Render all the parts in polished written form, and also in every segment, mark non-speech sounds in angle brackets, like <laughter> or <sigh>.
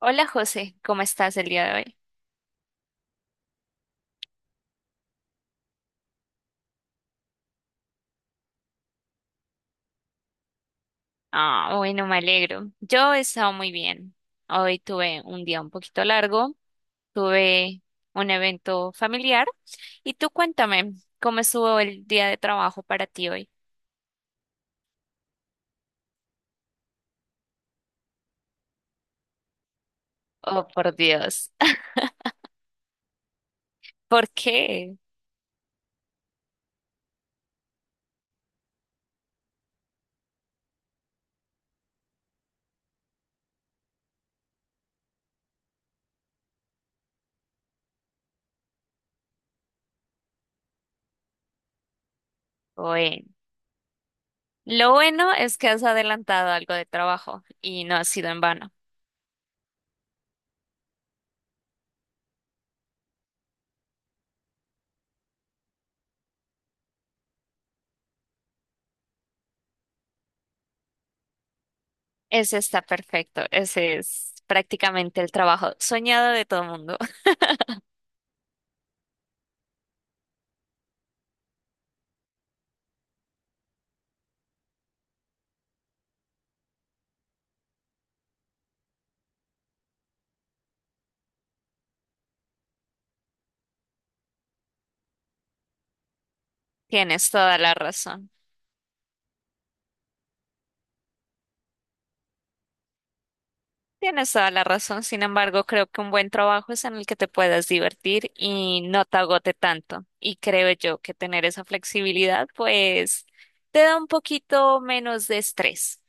Hola José, ¿cómo estás el día de hoy? Ah, bueno, me alegro. Yo he estado muy bien. Hoy tuve un día un poquito largo, tuve un evento familiar. Y tú cuéntame, ¿cómo estuvo el día de trabajo para ti hoy? Oh, por Dios. <laughs> ¿Por qué? Bueno, lo bueno es que has adelantado algo de trabajo y no ha sido en vano. Ese está perfecto. Ese es prácticamente el trabajo soñado de todo el mundo. <laughs> Tienes toda la razón. Tienes toda la razón, sin embargo, creo que un buen trabajo es en el que te puedas divertir y no te agote tanto. Y creo yo que tener esa flexibilidad, pues, te da un poquito menos de estrés.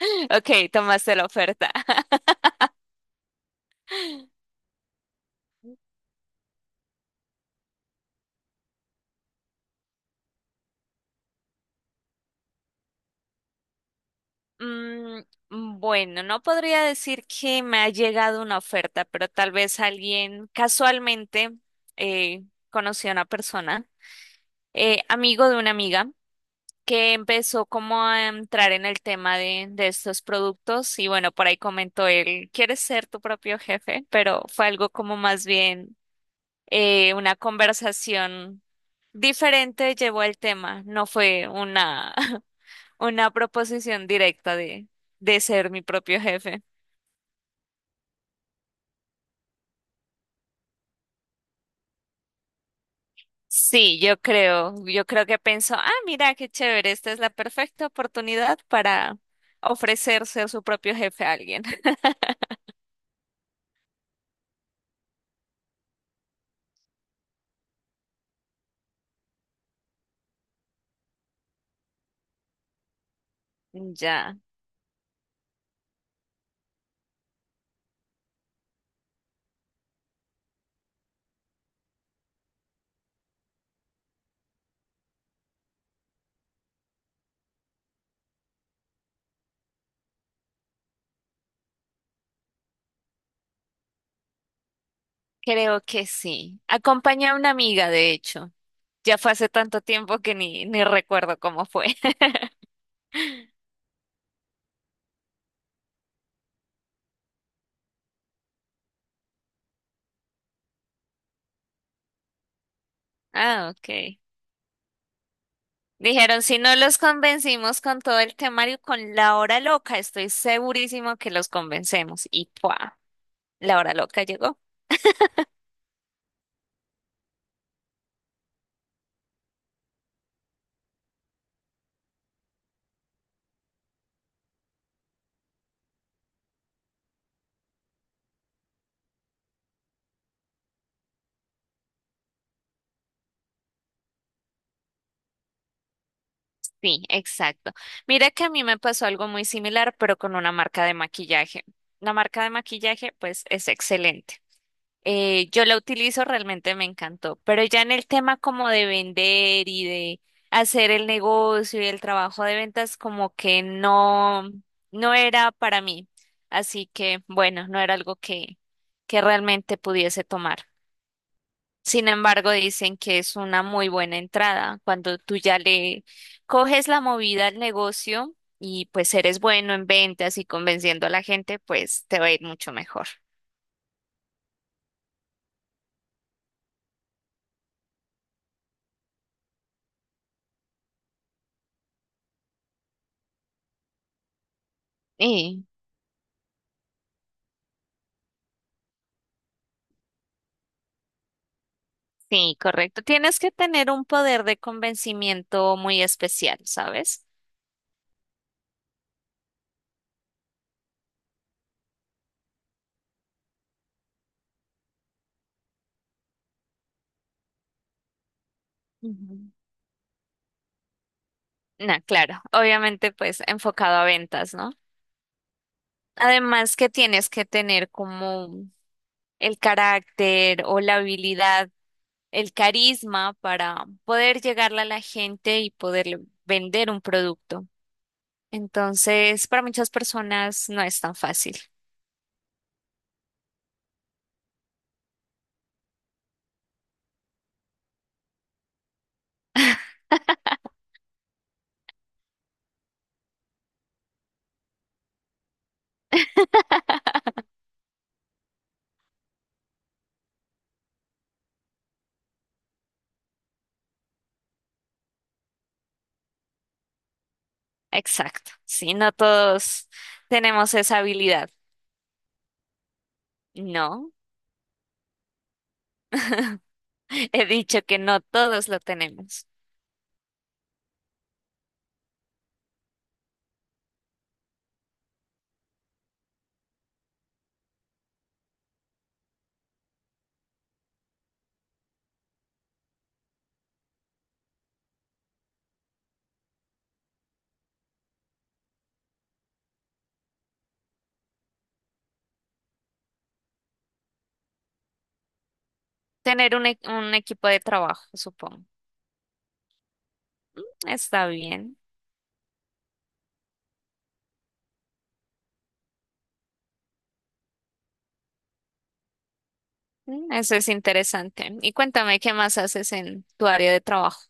<laughs> Ok, tomaste la oferta. <laughs> Mm, bueno, no podría decir que me ha llegado una oferta, pero tal vez alguien casualmente eh, conoció a una persona, amigo de una amiga. Que empezó como a entrar en el tema de estos productos y bueno, por ahí comentó él, ¿quieres ser tu propio jefe? Pero fue algo como más bien una conversación diferente llevó el tema, no fue una, <laughs> una proposición directa de ser mi propio jefe. Sí, yo creo que pensó, ah, mira, qué chévere, esta es la perfecta oportunidad para ofrecerse a su propio jefe a alguien. <laughs> Ya. Creo que sí. Acompañé a una amiga, de hecho. Ya fue hace tanto tiempo que ni recuerdo cómo fue. <laughs> Ah, ok. Dijeron, si no los convencimos con todo el temario, con la hora loca, estoy segurísimo que los convencemos. ¡Y pua! La hora loca llegó. Sí, exacto. Mira que a mí me pasó algo muy similar, pero con una marca de maquillaje. La marca de maquillaje, pues, es excelente. Yo la utilizo, realmente me encantó, pero ya en el tema como de vender y de hacer el negocio y el trabajo de ventas, como que no, no era para mí. Así que, bueno, no era algo que realmente pudiese tomar. Sin embargo, dicen que es una muy buena entrada cuando tú ya le coges la movida al negocio y pues eres bueno en ventas y convenciendo a la gente, pues te va a ir mucho mejor. Sí, correcto. Tienes que tener un poder de convencimiento muy especial, ¿sabes? Ujú. No, claro, obviamente pues enfocado a ventas, ¿no? Además que tienes que tener como el carácter o la habilidad, el carisma para poder llegarle a la gente y poder vender un producto. Entonces, para muchas personas no es tan fácil. <laughs> Exacto. Sí, no todos tenemos esa habilidad. No. <laughs> <laughs> He dicho que no todos lo tenemos. Tener un, un equipo de trabajo, supongo. Mm. Está bien. Mm. Eso es interesante. Y cuéntame qué más haces en tu área de trabajo.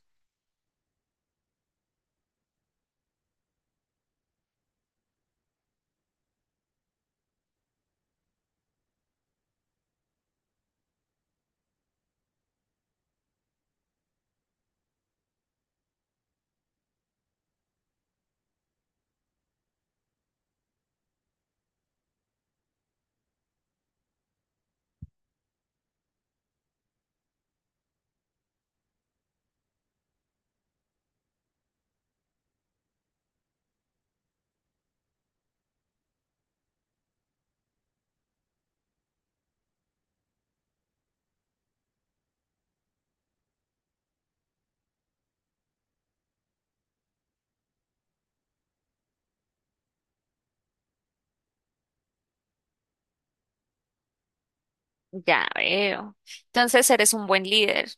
Ya veo. Entonces eres un buen líder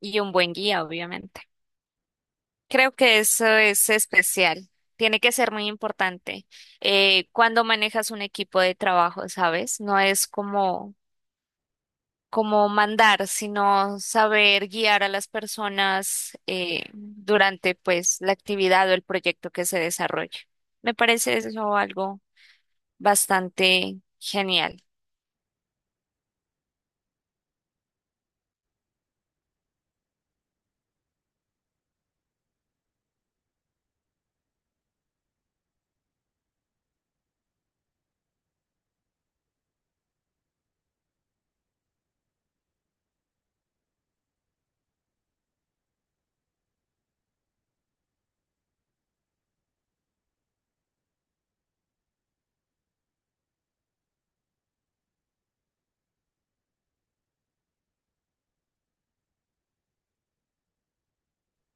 y un buen guía, obviamente. Creo que eso es especial. Tiene que ser muy importante cuando manejas un equipo de trabajo, ¿sabes? No es como como mandar, sino saber guiar a las personas durante pues la actividad o el proyecto que se desarrolla. Me parece eso algo bastante genial.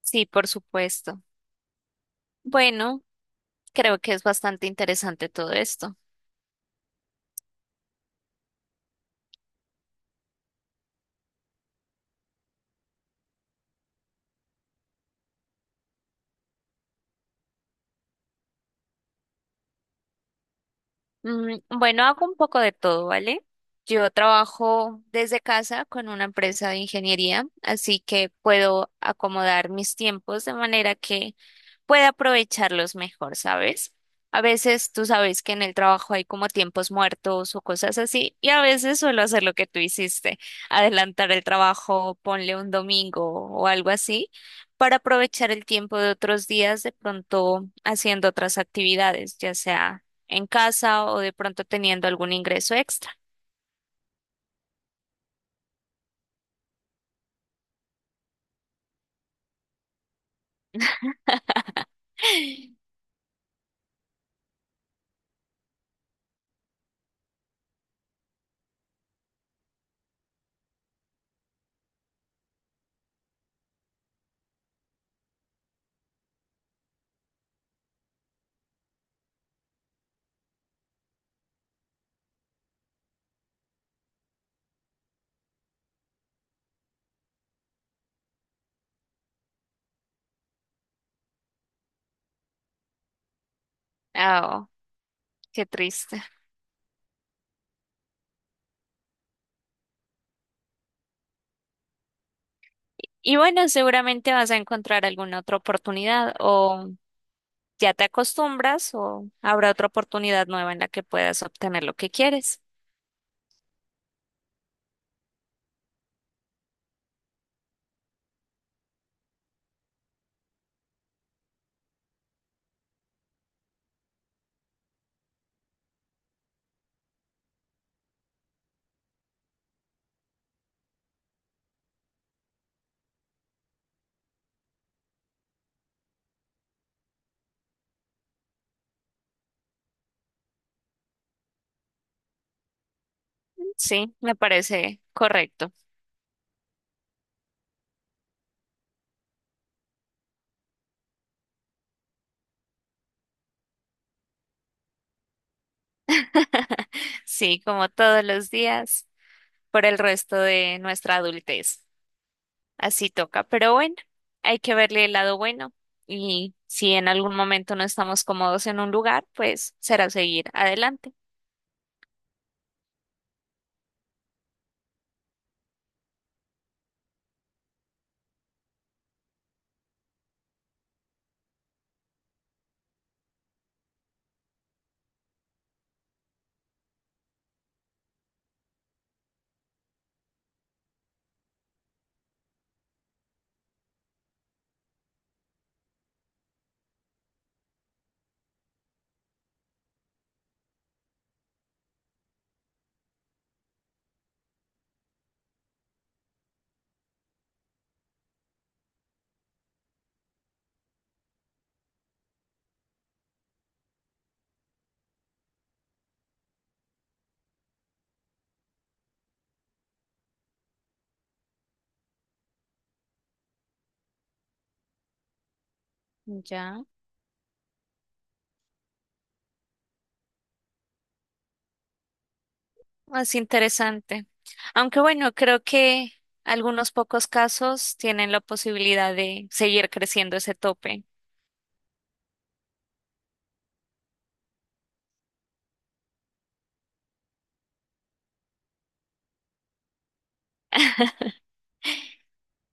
Sí, por supuesto. Bueno, creo que es bastante interesante todo esto. Bueno, hago un poco de todo, ¿vale? Yo trabajo desde casa con una empresa de ingeniería, así que puedo acomodar mis tiempos de manera que puede aprovecharlos mejor, ¿sabes? A veces tú sabes que en el trabajo hay como tiempos muertos o cosas así, y a veces suelo hacer lo que tú hiciste, adelantar el trabajo, ponle un domingo o algo así, para aprovechar el tiempo de otros días de pronto haciendo otras actividades, ya sea en casa o de pronto teniendo algún ingreso extra. <laughs> Oh, qué triste. Y bueno, seguramente vas a encontrar alguna otra oportunidad o ya te acostumbras o habrá otra oportunidad nueva en la que puedas obtener lo que quieres. Sí, me parece correcto. <laughs> Sí, como todos los días, por el resto de nuestra adultez. Así toca. Pero bueno, hay que verle el lado bueno. Y si en algún momento no estamos cómodos en un lugar, pues será seguir adelante. Ya. Es interesante. Aunque bueno, creo que algunos pocos casos tienen la posibilidad de seguir creciendo ese tope.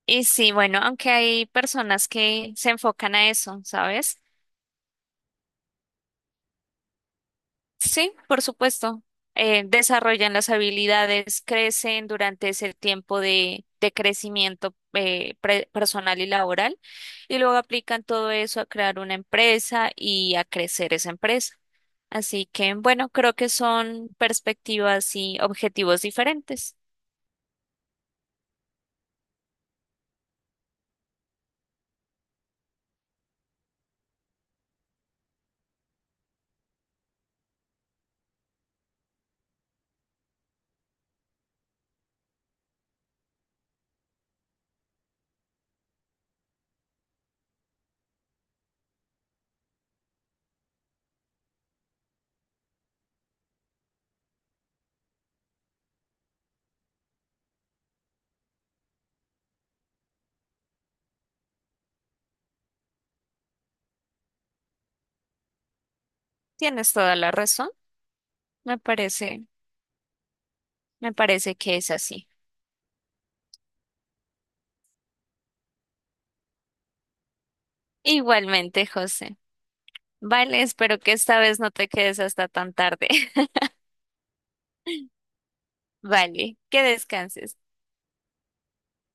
Y sí, bueno, aunque hay personas que se enfocan a eso, ¿sabes? Sí, por supuesto. Desarrollan las habilidades, crecen durante ese tiempo de crecimiento personal y laboral, y luego aplican todo eso a crear una empresa y a crecer esa empresa. Así que, bueno, creo que son perspectivas y objetivos diferentes. Tienes toda la razón. Me parece, me parece que es así. Igualmente, José. Vale, espero que esta vez no te quedes hasta tan tarde. <laughs> Vale, que descanses.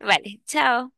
Vale, chao.